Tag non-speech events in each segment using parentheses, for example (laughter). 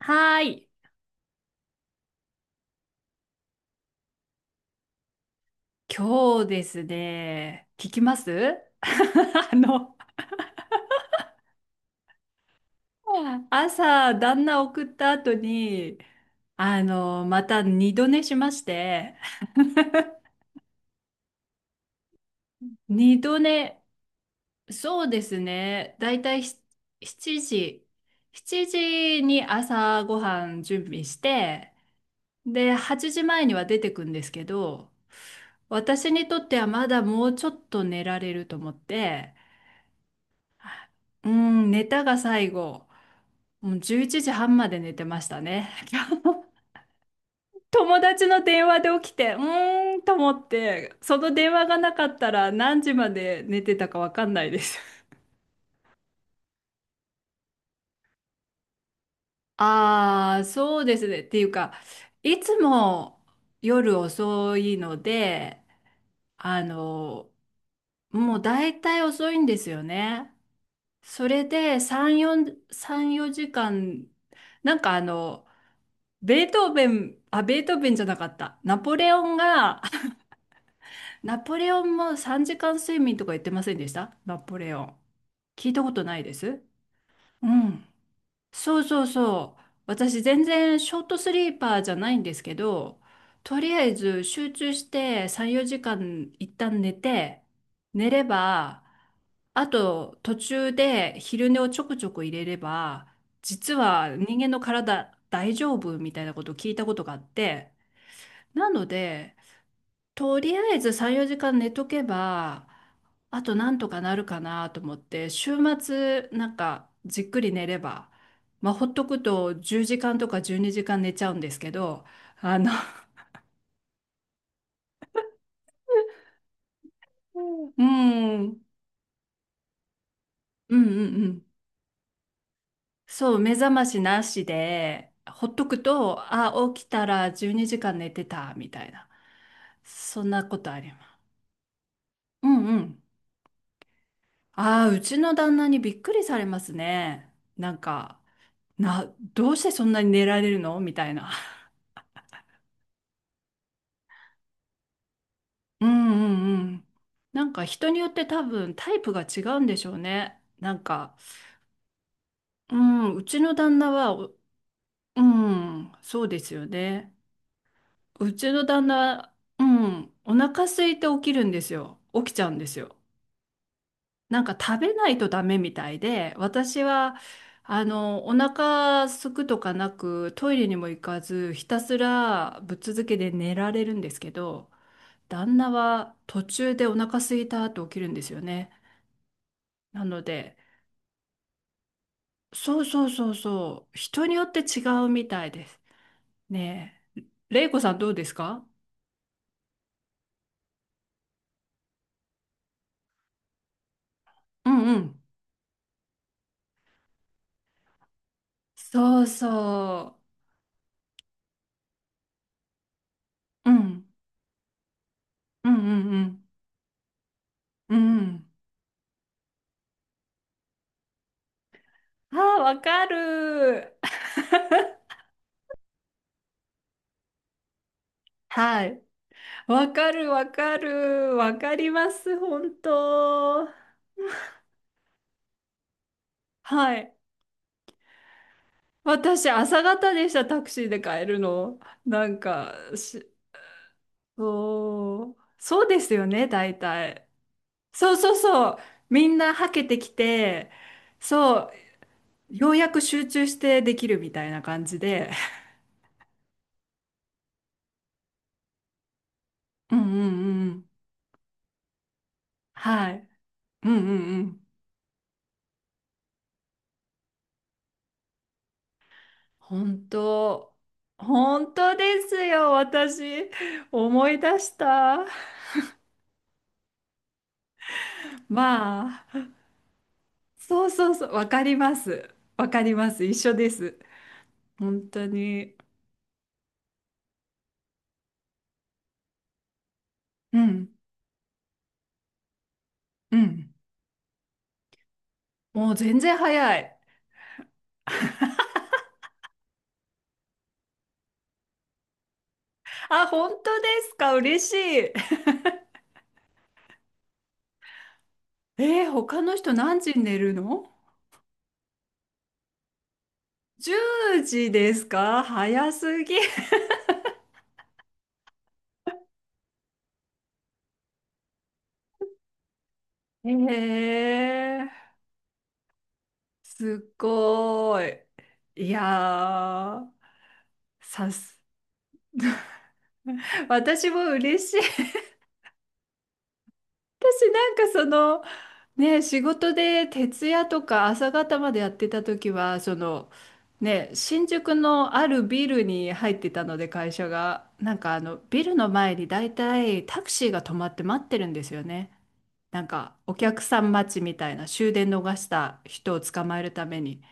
はーい。今日ですね、聞きます (laughs) あの、朝、旦那送った後に、あの、また二度寝しまして、(laughs) 二度寝、そうですね、だいたい7時、7時に朝ごはん準備して、で、8時前には出てくんですけど、私にとってはまだもうちょっと寝られると思って、うん、寝たが最後。もう11時半まで寝てましたね。(laughs) 友達の電話で起きて、うーんと思って、その電話がなかったら何時まで寝てたかわかんないです。ああ、そうですね。っていうか、いつも夜遅いので、あの、もう大体遅いんですよね。それで3、4、3、4時間、なんかあの、ベートーベン、あ、ベートーベンじゃなかった。ナポレオンが、ナポレオンも3時間睡眠とか言ってませんでしたナポレオン。聞いたことないです。うん。そうそうそう。私全然ショートスリーパーじゃないんですけど、とりあえず集中して3、4時間一旦寝て、寝れば、あと途中で昼寝をちょくちょく入れれば、実は人間の体大丈夫みたいなことを聞いたことがあって、なので、とりあえず3、4時間寝とけば、あとなんとかなるかなと思って、週末なんかじっくり寝れば、まあほっとくと10時間とか12時間寝ちゃうんですけど、あの、うんうん、うんうんうん。そう、目覚ましなしで、ほっとくと、あ、起きたら12時間寝てた、みたいな。そんなことあります。うんうん。ああ、うちの旦那にびっくりされますね。なんか、どうしてそんなに寝られるのみたいな。うんうんうん。なんか人によって多分タイプが違うんでしょうね。なんか、うん、うちの旦那は、うん、そうですよね。うちの旦那、うん、お腹空いて起きるんですよ。起きちゃうんですよ。なんか食べないとダメみたいで、私は、あの、お腹空くとかなく、トイレにも行かず、ひたすらぶっ続けで寝られるんですけど、旦那は途中でお腹空いたって起きるんですよね。なので、そうそうそうそう、人によって違うみたいです。ねえ、れいこさんどうですか？うんうん。そうそう。うん。うんうんうん。うん。ああ、わかる。はい。わかるわかる。わかります、本当。はい。私、朝方でした、タクシーで帰るの。なんか、しおそうですよね、大体。そうそうそう。みんなはけてきて、そう、ようやく集中してできるみたいな感じで。(laughs) うんうんうんうん。はい。うんうんうん。本当。本当ですよ、私。思い出した。まあ、そうそうそう、わかります。わかります。一緒です。本当に。うん。うん。もう全然早い。あ、本当ですか。嬉しい。えー他の人何時に寝るの？ 10 時ですか、早すぎ。えー、すっごーい。いやー、さす。私も嬉しい。私なんかその、ね、仕事で徹夜とか朝方までやってた時は、その、ね、新宿のあるビルに入ってたので会社が、なんかあの、ビルの前に大体タクシーが止まって待ってるんですよね。なんかお客さん待ちみたいな終電逃した人を捕まえるために。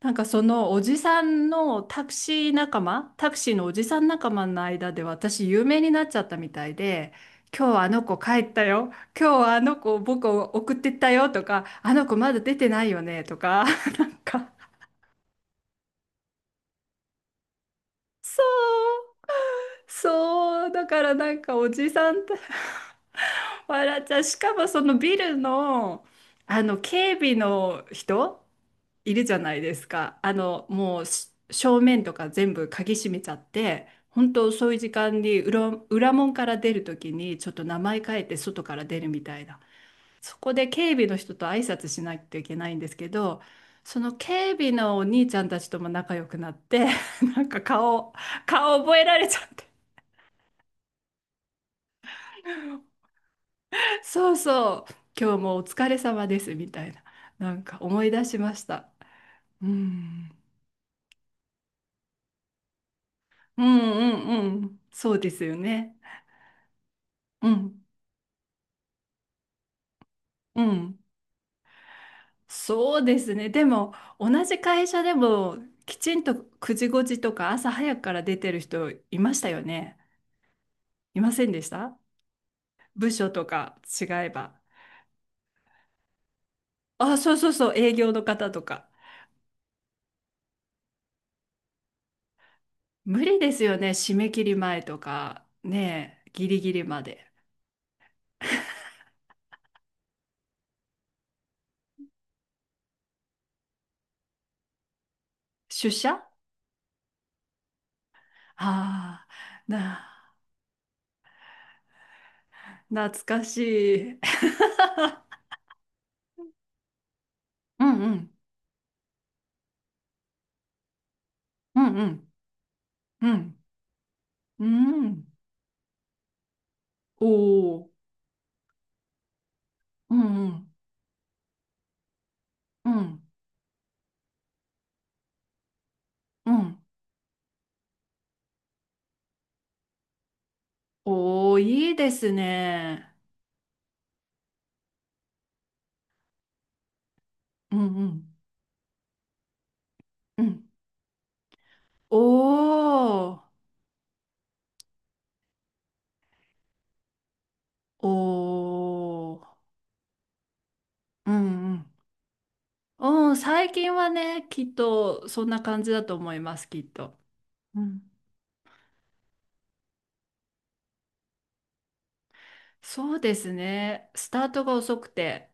なんかそのおじさんのタクシー仲間、タクシーのおじさん仲間の間で私有名になっちゃったみたいで、今日はあの子帰ったよ、今日はあの子僕を送ってったよとか、あの子まだ出てないよねとか、なんかそうそう、だからなんかおじさんと (laughs) 笑っちゃう。しかもそのビルの、あの警備の人いるじゃないですか。あの、もう正面とか全部鍵閉めちゃって、本当そういう時間に裏門から出るときにちょっと名前変えて外から出るみたいな。そこで警備の人と挨拶しないといけないんですけど、その警備のお兄ちゃんたちとも仲良くなって、(laughs) なんか顔覚えられちゃって。(laughs) そうそう、今日もお疲れ様ですみたいな、なんか思い出しました。うん、うんうんうん、そうですよね。うんうん、そうですね。でも同じ会社でもきちんと9時5時とか朝早くから出てる人いましたよね。いませんでした？部署とか違えば。あ、そうそうそう、営業の方とか。無理ですよね、締め切り前とか、ねえ、ギリギリまで。出社？ああ、な、懐かしい。(laughs) うんうん、うんうん、うん、うん。おお、うんうん、うん、うん。おお、いいですね。うんうん、うん。おお、おお、うんうん。うん、最近はね、きっとそんな感じだと思います、きっと。うん、そうですね。スタートが遅くて。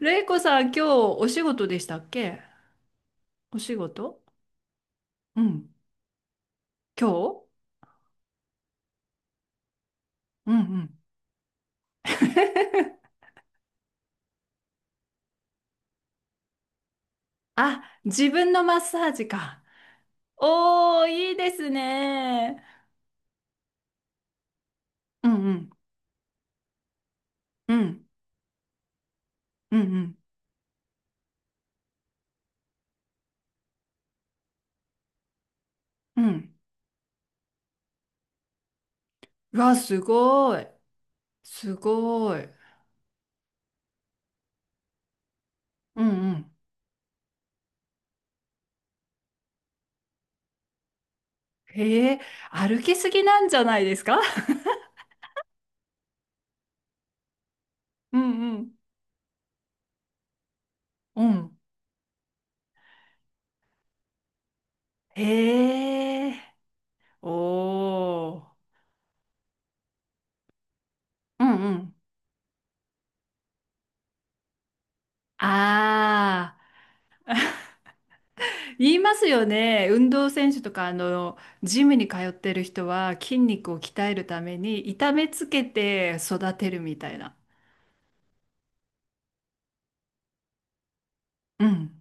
れいこさん、今日お仕事でしたっけ？お仕事？うん。今日？うんうん。あ、自分のマッサージか。おー、いいですね。うんうん。うん。うんうん。うん。うわ、すごい。すごい。うんうん。へえ、歩きすぎなんじゃないですか？ (laughs) うんうん。うん。へえ。おー。うんうん。あー。言いますよね。運動選手とか、あの、ジムに通ってる人は筋肉を鍛えるために痛めつけて育てるみたいな。うん。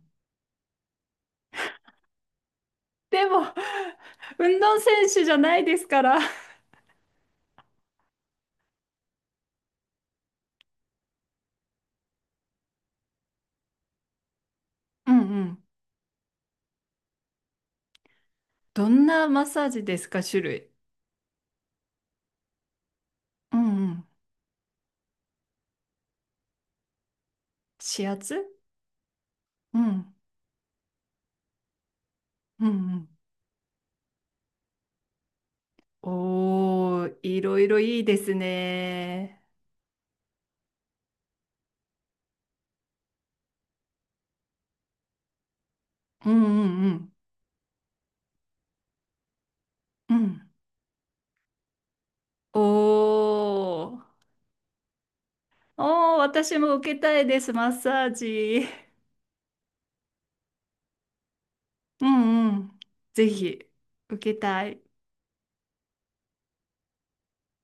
でも、運動選手じゃないですから。うんうん。どんなマッサージですか、種類。うんうん。指圧？うんうんうん。おー、いろいろいいですね。うんうんうん。うん。おー。おー、私も受けたいです、マッサージ。うんうん。ぜひ、受けたい。